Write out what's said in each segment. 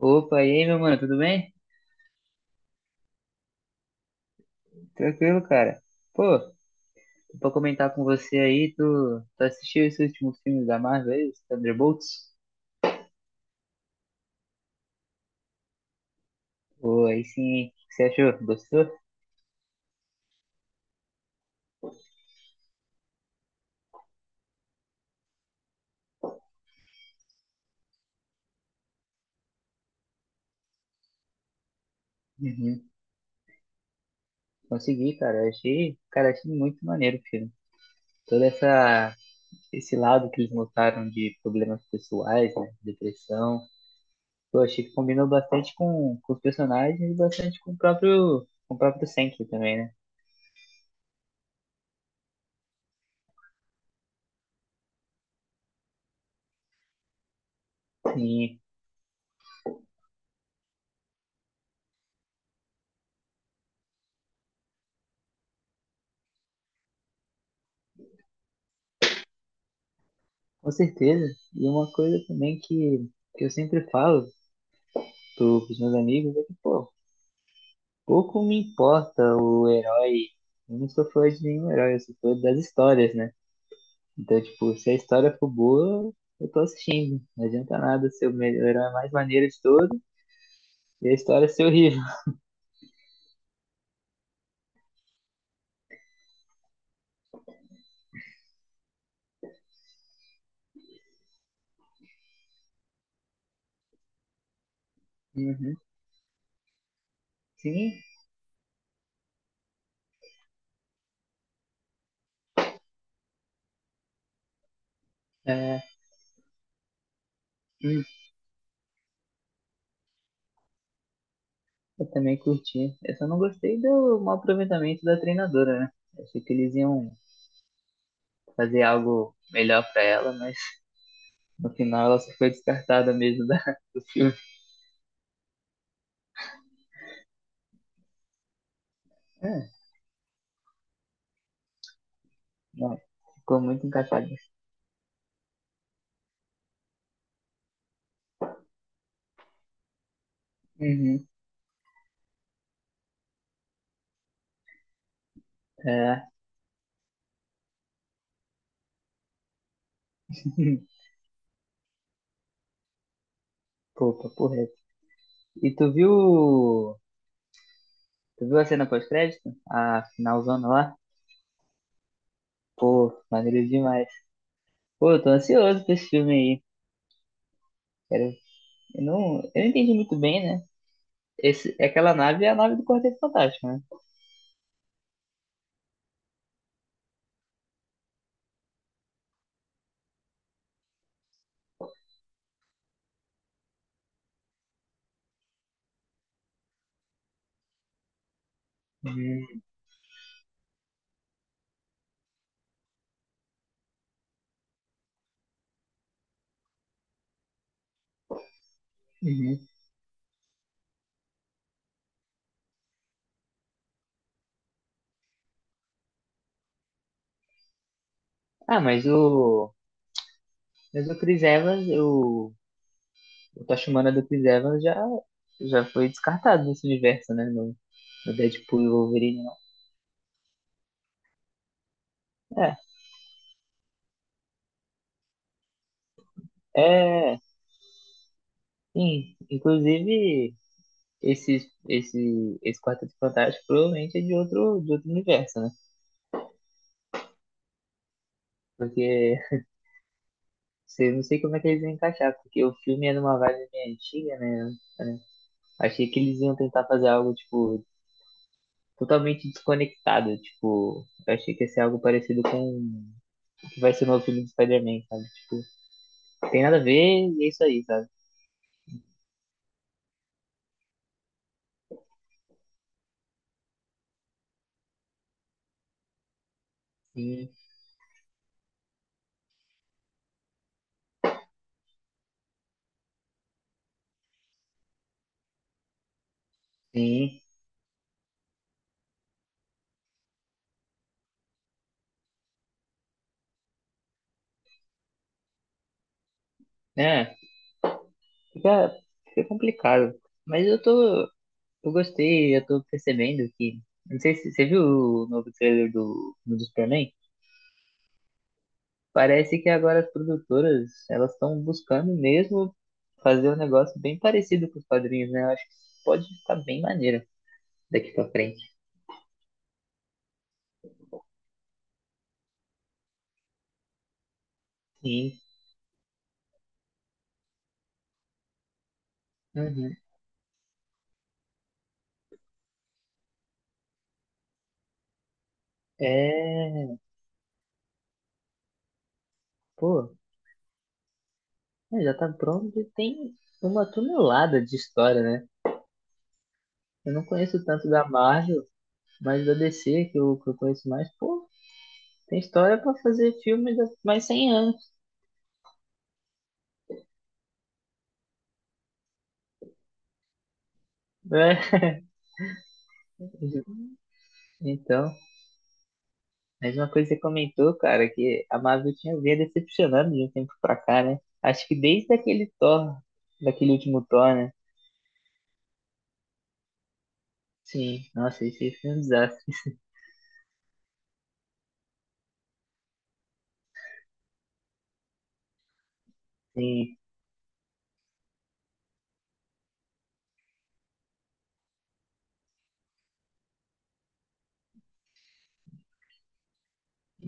Opa, e aí, meu mano, tudo bem? Tranquilo, cara. Pô, tô pra comentar com você aí, tu assistiu esse último filme da Marvel aí, os Thunderbolts? Pô, aí sim, hein? O que você achou? Gostou? Uhum. Consegui, cara. Eu achei muito maneiro o filme. Todo essa, Esse lado que eles mostraram de problemas pessoais, né, depressão. Pô, achei que combinou bastante com os personagens e bastante com o próprio Sentry também, né? E, Com certeza. E uma coisa também que eu sempre falo pros meus amigos é que, pô, pouco me importa o herói. Eu não sou fã de nenhum herói, eu sou fã das histórias, né? Então, tipo, se a história for boa, eu tô assistindo. Não adianta nada ser o melhor herói mais maneiro de todo e a história ser horrível. Uhum. Sim, é, hum, eu também curti. Eu só não gostei do mau aproveitamento da treinadora, né? Achei que eles iam fazer algo melhor pra ela, mas no final ela só foi descartada mesmo do filme. É, não, ficou muito encaixadinho. Uhum. É. Pô, papo reto. E tu viu. Tu viu a cena pós-crédito? A finalzona lá? Pô, maneiro demais. Pô, eu tô ansioso pra esse filme aí. Quero- eu não entendi muito bem, né? Esse, aquela nave é a nave do Quarteto Fantástico, né? Uhum. Uhum. Ah, mas o. Mas o Chris Evans, o Tachumana do Chris Evans já foi descartado nesse universo, né? No, no Deadpool e Wolverine, não. É, é, sim. Inclusive, esse Quarteto Fantástico provavelmente é de outro universo, né? Porque eu não sei como é que eles vão encaixar, porque o filme é numa vibe meio antiga, né? É, achei que eles iam tentar fazer algo, tipo, totalmente desconectado, tipo, eu achei que ia ser algo parecido com o que vai ser o novo filme do Spider-Man, sabe? Tipo, tem nada a ver e é isso aí, sabe? Sim, sim. É, fica, fica complicado. Mas eu tô, eu gostei, eu tô percebendo que, não sei se você viu o novo trailer do, do Superman? Parece que agora as produtoras, elas estão buscando mesmo fazer um negócio bem parecido com os quadrinhos, né? Eu acho que pode ficar bem maneiro daqui pra frente. Sim. Uhum. É, pô, é, já tá pronto e tem uma tonelada de história, né? Eu não conheço tanto da Marvel, mas da DC, que eu conheço mais, pô, tem história pra fazer filme de mais 100 anos. Né? Então, mais uma coisa que você comentou, cara, que a Marvel tinha vindo decepcionando de um tempo pra cá, né? Acho que desde aquele Thor, daquele último Thor, né? Sim, nossa, esse filme é um desastre. Sim,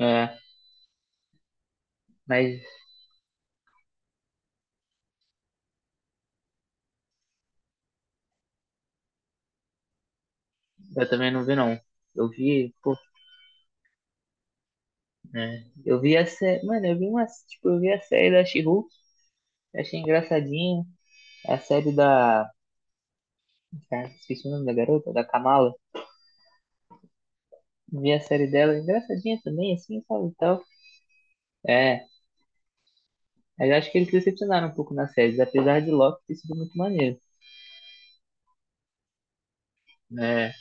é, mas eu também não vi, não. Eu vi, pô, né? Eu vi a série, mano, eu vi a série da She-Hulk, achei engraçadinho. A série da, Cara, esqueci o nome da garota, da Kamala. Vi a série dela, engraçadinha também, assim, sabe, e tal. É, mas acho que eles decepcionaram um pouco na série, apesar de Loki ter sido muito maneiro. É,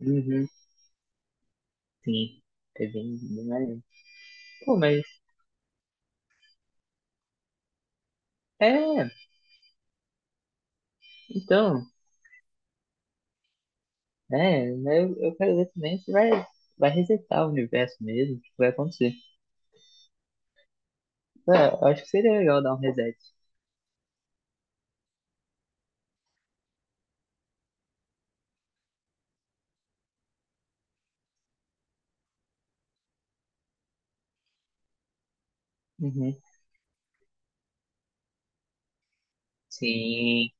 uhum, sim, é bem, bem maneiro. Pô, mas, é, então, é, eu quero ver também se vai, vai resetar o universo mesmo, o que vai acontecer. É, eu acho que seria legal dar um reset. Uhum, sim.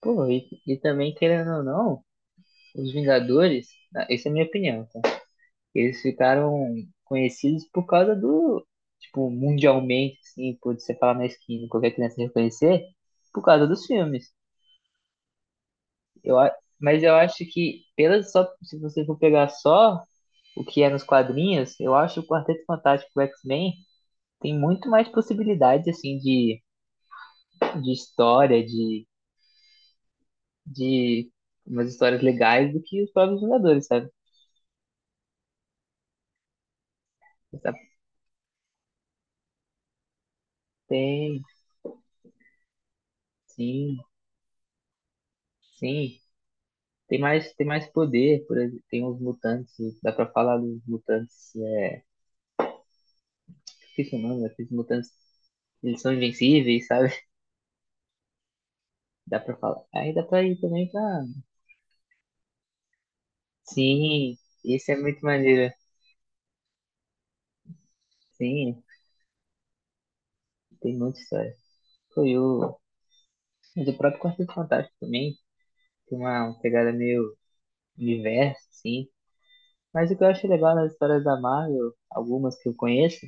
Pô, e também, querendo ou não, os Vingadores, ah, essa é a minha opinião, tá? Eles ficaram conhecidos por causa do, tipo, mundialmente, assim, por você falar na esquina, qualquer criança reconhecer, por causa dos filmes. Mas eu acho que, pelas só, se você for pegar só o que é nos quadrinhos, eu acho o Quarteto Fantástico e o X-Men tem muito mais possibilidades, assim, de história, de umas histórias legais do que os próprios Vingadores, sabe? Tem, sim, sim. Tem mais poder, por exemplo, tem os mutantes, dá pra falar dos mutantes, é, esqueci o nome, aqueles mutantes, eles são invencíveis, sabe? Dá pra falar. Aí dá pra ir também pra... Sim, esse é muito maneiro. Sim, tem muita história. Foi o... Mas o próprio Quarteto Fantástico também tem uma pegada meio universo, sim. Mas o que eu acho legal nas histórias da Marvel, algumas que eu conheço,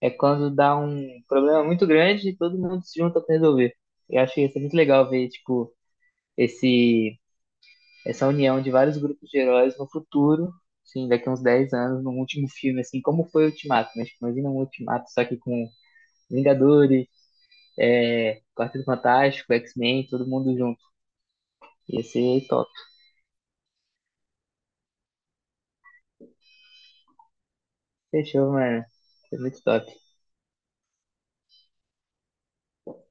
é quando dá um problema muito grande e todo mundo se junta pra resolver. Eu acho isso muito legal ver, tipo, esse essa união de vários grupos de heróis no futuro, assim, daqui a uns 10 anos, num último filme, assim, como foi o Ultimato, né? Tipo, imagina um Ultimato só que com Vingadores, é, Quarteto Fantástico, X-Men, todo mundo junto. Ia ser top. Fechou, mano. Foi muito top.